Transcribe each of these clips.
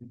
Oui,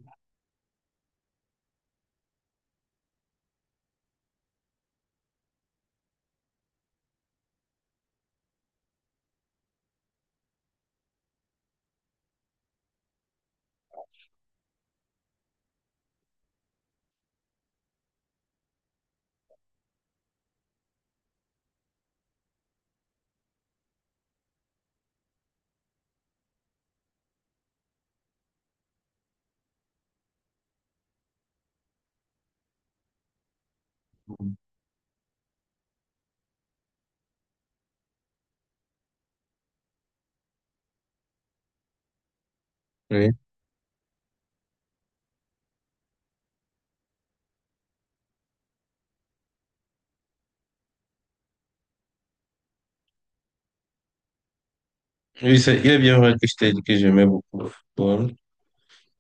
oui c'est- Il est bien vrai que je t'ai dit que j'aimais beaucoup le football,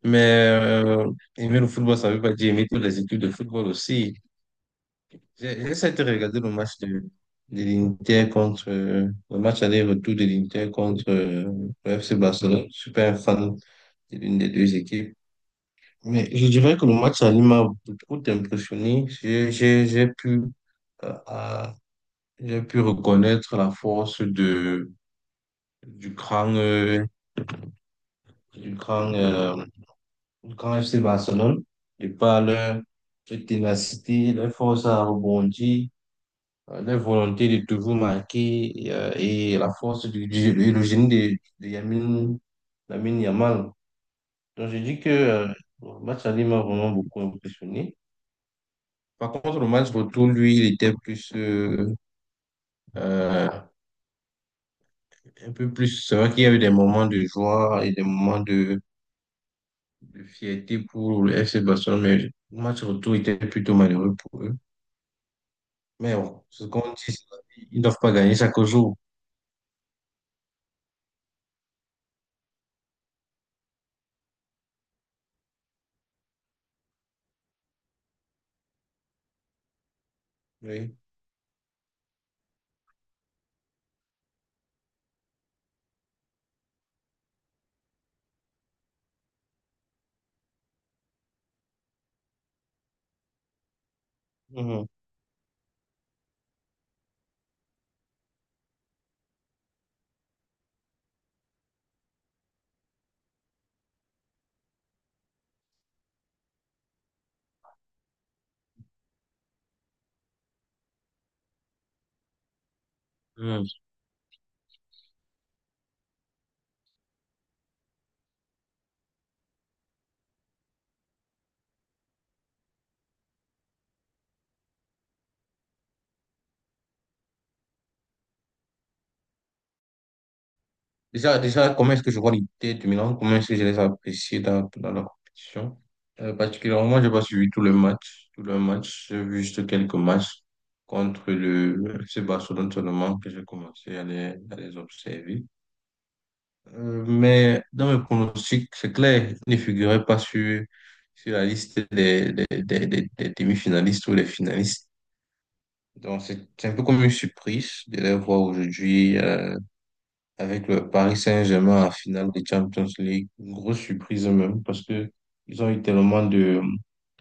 mais aimer le football, ça ne veut pas dire aimer toutes les équipes de football aussi. J'ai essayé de regarder le match aller-retour de l'Inter contre le FC Barcelone. Je suis pas un fan de l'une des deux équipes. Mais je dirais que le match aller m'a beaucoup impressionné. Euh, à- j'ai pu reconnaître la force du cran du grand, euh, du grand FC Barcelone, de par leur ténacité, leur force à rebondir, leur volonté de toujours marquer et la force et le génie de Lamine Yamal. Donc, je dis que le match aller m'a vraiment beaucoup impressionné. Par contre, le match retour, lui, il était euh, un peu plus. C'est vrai qu'il y a eu des moments de joie et des moments de fierté pour le FC Barcelone, mais le match retour était plutôt malheureux pour eux. Mais bon, ce qu'on dit, c'est qu'ils ne doivent pas gagner chaque jour. Oui. Mhm. Mhm. Déjà, déjà, comment est-ce que je vois l'idée de Milan? Comment est-ce que je les apprécie dans la compétition? Particulièrement, je n'ai pas suivi tout le match. Tout le match, j'ai vu juste quelques matchs contre le FC Barcelone seulement que j'ai commencé à les observer. Mais dans mes pronostics, c'est clair, ils ne figurait pas sur la liste des demi-finalistes ou des finalistes. Donc, c'est un peu comme une surprise de les voir aujourd'hui avec le Paris Saint-Germain en finale de Champions League. Une grosse surprise même parce que ils ont eu tellement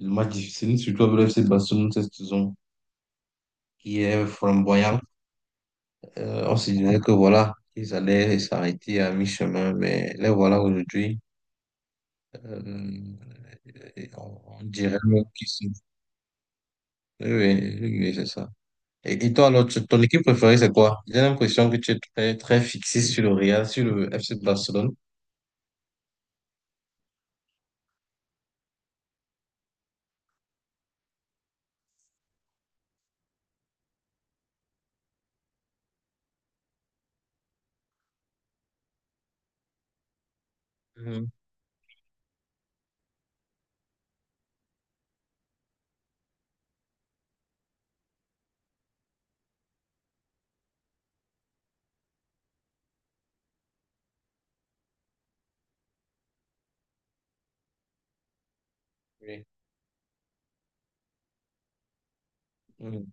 de matchs difficiles, surtout avec le FC Barcelone cette saison qui est flamboyant. On se disait que voilà, ils allaient s'arrêter à mi-chemin, mais les voilà aujourd'hui. Euh, et on dirait même qu'ils sont... Oui, oui, oui, c'est ça. Et toi, alors, ton équipe préférée, c'est quoi? J'ai l'impression que tu es très, très fixé sur le Real, sur le FC Barcelone. Mhm. Oui. Mhm.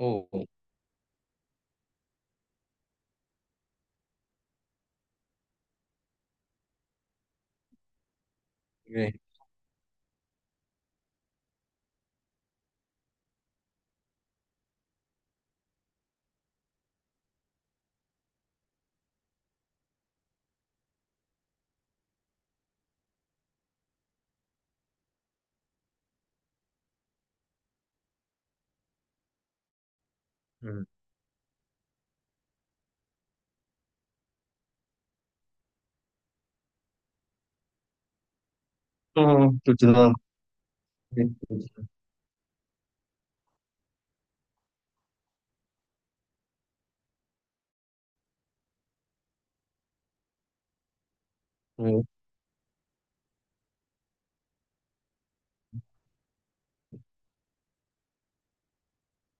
Oh, oui. Mhm. Mhm, Tottenham. Oui, oui.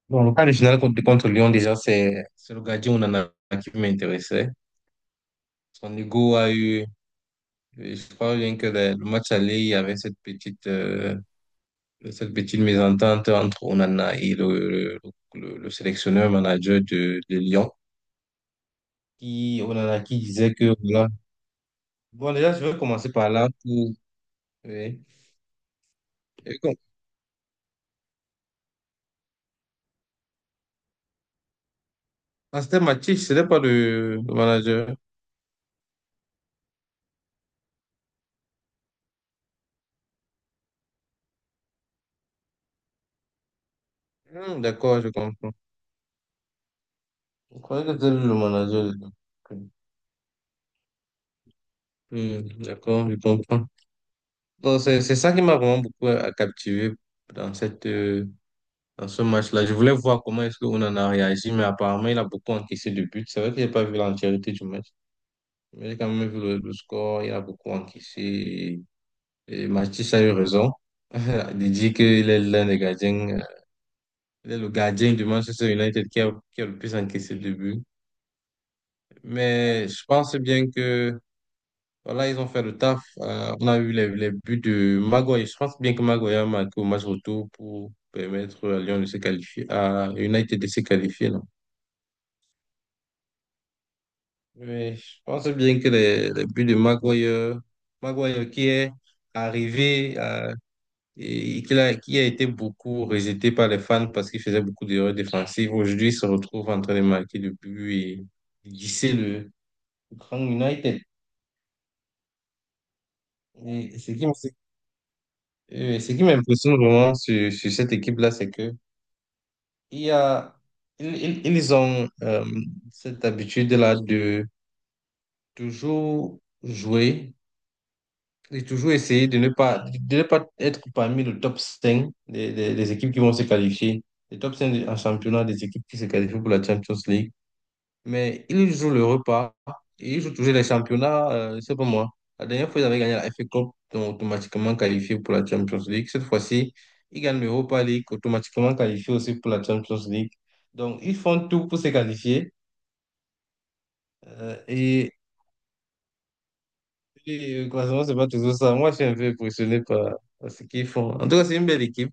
Bon, le cas de finale contre Lyon, déjà, c'est le gardien Onana qui m'intéressait. Son ego a eu, je crois bien que le match aller, il y avait cette petite mésentente entre Onana et le, le sélectionneur manager de Lyon. Onana qui disait que voilà. Bon, déjà, je vais commencer par là. Oui. Et com- Ah, c'était Mathieu, ce n'est pas le manager. Hmm, d'accord, je comprends. Je croyais que c'était lui le manager. Hmm, d'accord, je comprends. Donc, c'est ça qui m'a vraiment beaucoup captivé dans dans ce match-là. Je voulais voir comment est-ce qu'on en a réagi, mais apparemment, il a beaucoup encaissé de buts. C'est vrai que j'ai pas vu l'entièreté du match, mais j'ai quand même vu le score. Il a beaucoup encaissé. Et Mathieu a eu raison. De dire qu'il est l'un des gardiens. Il est le gardien de Manchester United qui a le plus encaissé de buts. Mais je pense bien que voilà, ils ont fait le taf. On a eu les buts de Maguire. Je pense bien que Maguire a marqué au match retour pour permettre à Lyon de se qualifier, à United de se qualifier, non? Mais je pense bien que les buts de Maguire qui est arrivé qui a été beaucoup rejeté par les fans parce qu'il faisait beaucoup d'erreurs défensives. Aujourd'hui, il se retrouve en train de marquer le but et glisser le Grand United. Et ce qui, me- Ce qui m'impressionne vraiment sur cette équipe-là, c'est que il y a, ils- ils ont cette habitude-là de toujours jouer et toujours essayer de ne pas être parmi le top 5 des équipes qui vont se qualifier. Les top 5 en championnat des équipes qui se qualifient pour la Champions League. Mais ils jouent le repas. Ils jouent toujours les championnats. C'est pas moi. La dernière fois, ils avaient gagné la FA Cup, donc automatiquement qualifié pour la Champions League. Cette fois-ci, ils gagnent l'Europa League, automatiquement qualifié aussi pour la Champions League. Donc, ils font tout pour se qualifier. euh, et et croisement, c'est pas toujours ça. Moi, je suis un peu impressionné par ce qu'ils font. En tout cas, c'est une belle équipe.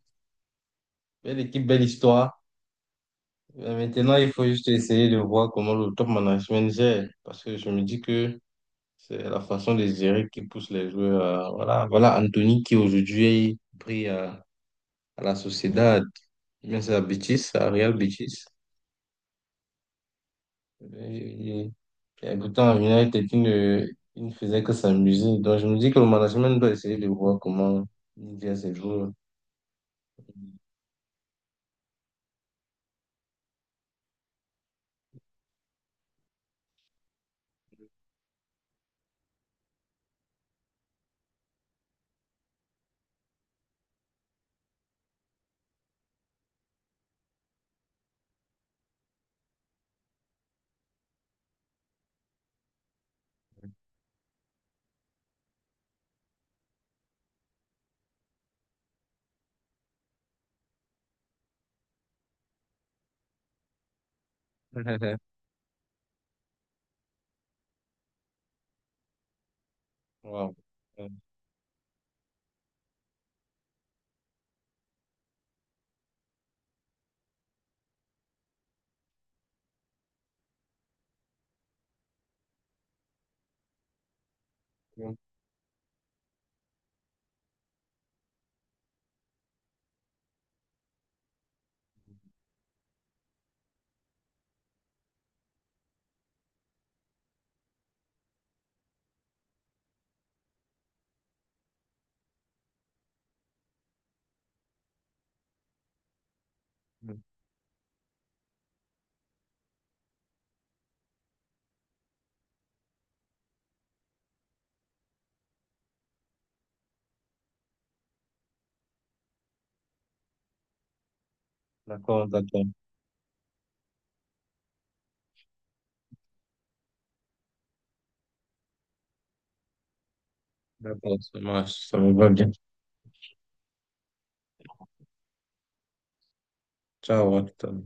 Belle équipe, belle histoire. Maintenant, il faut juste essayer de voir comment le top management gère. Parce que je me dis que c'est la façon de gérer qui pousse les joueurs. Voilà, voilà Anthony qui aujourd'hui brille à la Sociedad, mais c'est à Betis, à Real Betis. Il y a un à United, il ne faisait que s'amuser. Donc je me dis que le management doit essayer de voir comment il gère ses joueurs. Wow. Euh, D'accord, d'accord, d'accord, ça marche, ça me va bien. Ciao, à tout à l'heure.